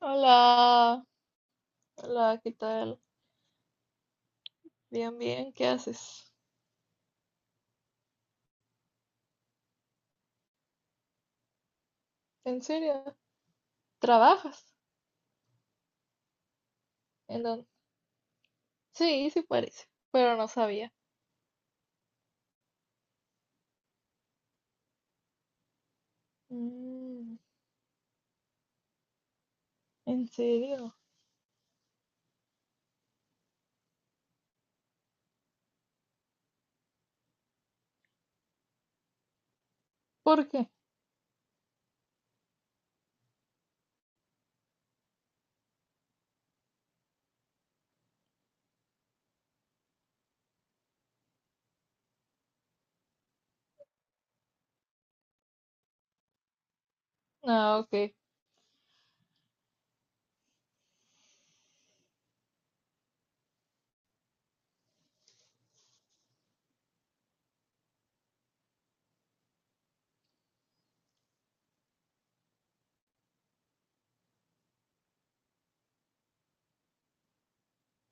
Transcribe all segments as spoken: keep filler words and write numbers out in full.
Hola, hola, ¿qué tal? Bien, bien, ¿qué haces? ¿En serio? ¿Trabajas? ¿En dónde? Sí, sí parece, pero no sabía. Mm, ¿En serio? ¿Por qué? Ah, ok.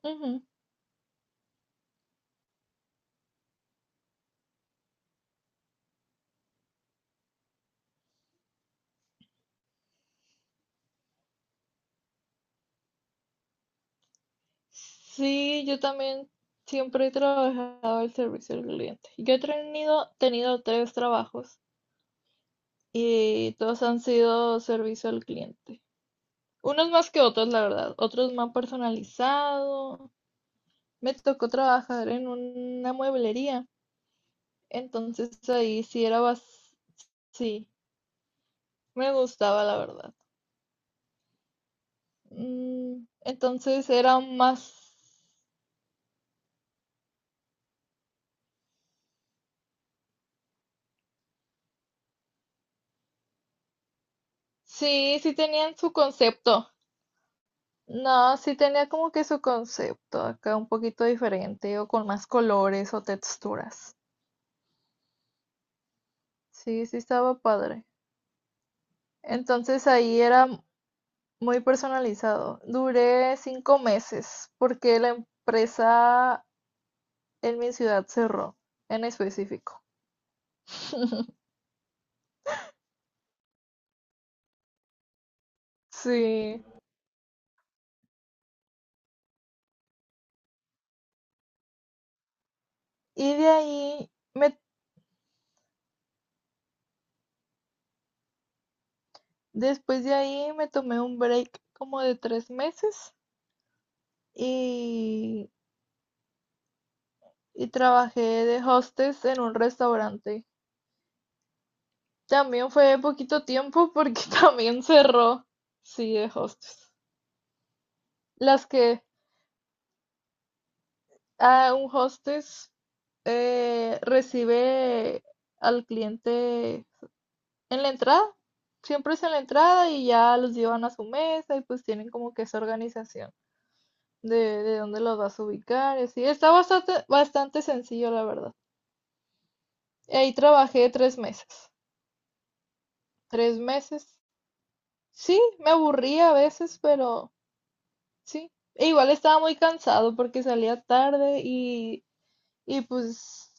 Ujú. Sí, yo también siempre he trabajado el servicio al cliente. Yo he tenido, tenido tres trabajos y todos han sido servicio al cliente. Unos más que otros, la verdad. Otros más personalizados me tocó trabajar en una mueblería, entonces ahí sí era bas- sí, me gustaba la verdad. Mm, Entonces era más, sí, sí tenían su concepto. No, sí tenía como que su concepto acá un poquito diferente o con más colores o texturas. Sí, sí estaba padre. Entonces ahí era muy personalizado. Duré cinco meses porque la empresa en mi ciudad cerró, en específico. Sí. Y de ahí, me, después de ahí me tomé un break como de tres meses y, y trabajé de hostess en un restaurante. También fue poquito tiempo porque también cerró. Sí, de hostess. Las que a un hostess eh, recibe al cliente en la entrada, siempre es en la entrada y ya los llevan a su mesa y pues tienen como que esa organización de, de dónde los vas a ubicar y así. Está bastante, bastante sencillo, la verdad. Ahí trabajé tres meses. Tres meses. Sí, me aburría a veces, pero sí. E igual estaba muy cansado porque salía tarde y, y pues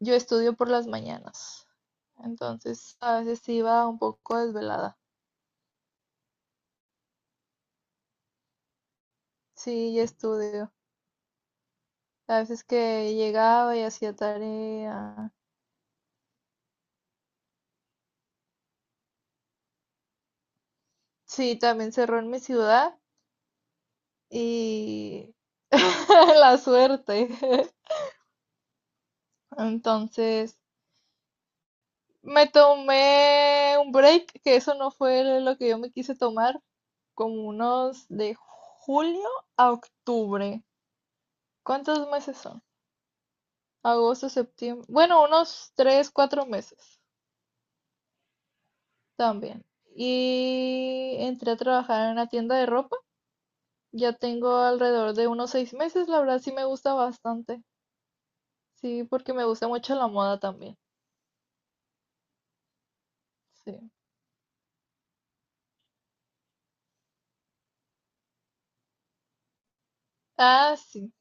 yo estudio por las mañanas. Entonces a veces iba un poco desvelada. Sí, y estudio. A veces que llegaba y hacía tarea. Sí, también cerró en mi ciudad y la suerte. Entonces, me tomé un break, que eso no fue lo que yo me quise tomar, como unos de julio a octubre. ¿Cuántos meses son? Agosto, septiembre. Bueno, unos tres, cuatro meses también. Y entré a trabajar en una tienda de ropa. Ya tengo alrededor de unos seis meses, la verdad sí me gusta bastante. Sí, porque me gusta mucho la moda también. Sí. Ah, sí.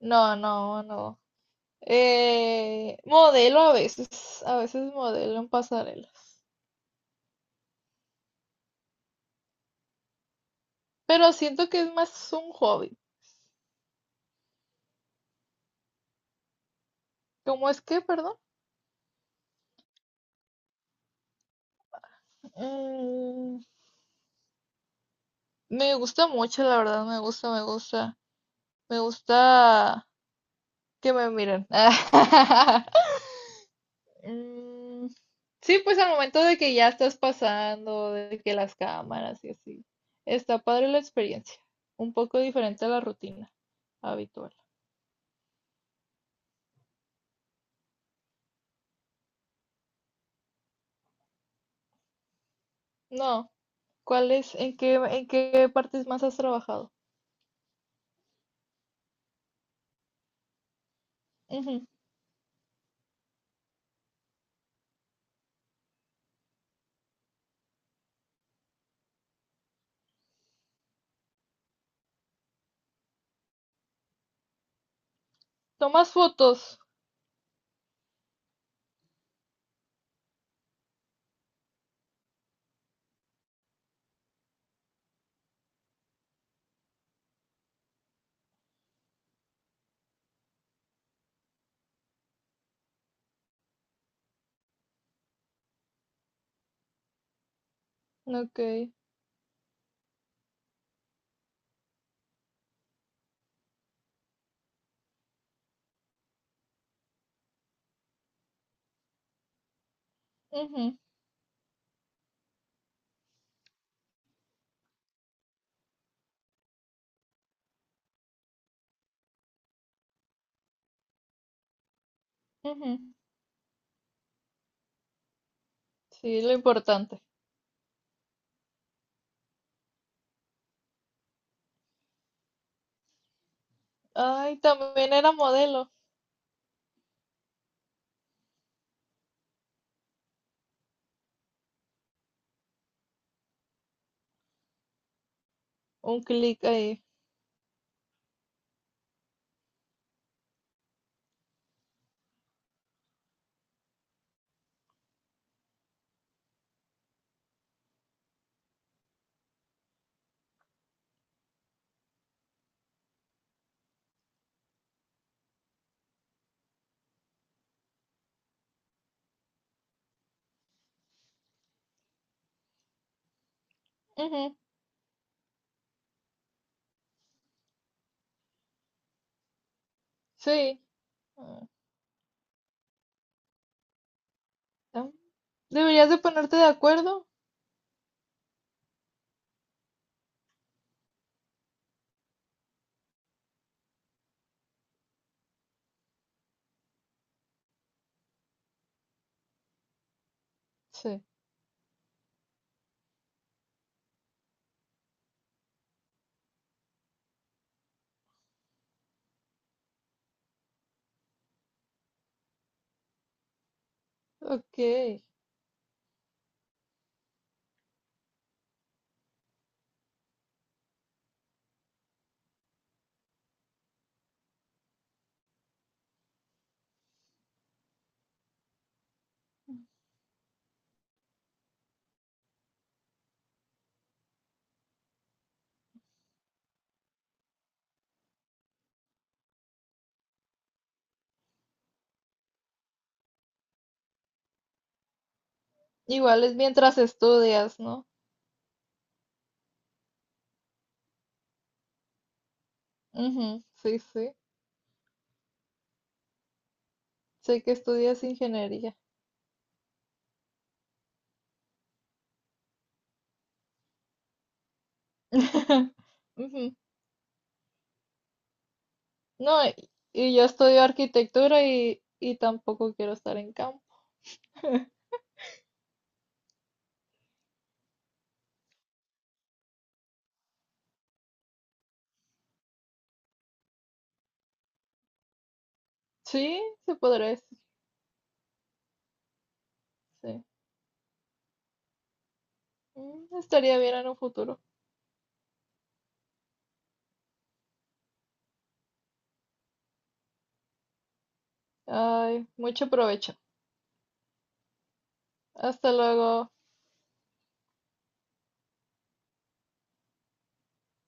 No, no, no. Eh, modelo a veces, a veces modelo en pasarelas. Pero siento que es más un hobby. ¿Cómo es que, perdón? Mm, Me gusta mucho, la verdad, me gusta, me gusta. Me gusta que me miren. Mm, sí, pues al momento de que ya estás pasando, de que las cámaras y así. Está padre la experiencia. Un poco diferente a la rutina habitual. No, ¿cuál es? ¿En qué, en qué partes más has trabajado? Ujú. ¿Tomas fotos? Ok. Ujú, ujú. Sí, lo importante. Ay, también era modelo. Un clic ahí. Ujú, sí. Ah, ah. Deberías de ponerte de acuerdo. Sí. Ok. Igual es mientras estudias, ¿no? Ujú, sí, sí. Sé que estudias ingeniería. Ujú. No, y, y yo estudio arquitectura y, y tampoco quiero estar en campo. Sí, se podría decir, sí. Mm, Estaría bien en un futuro. Ay, mucho provecho. Hasta luego.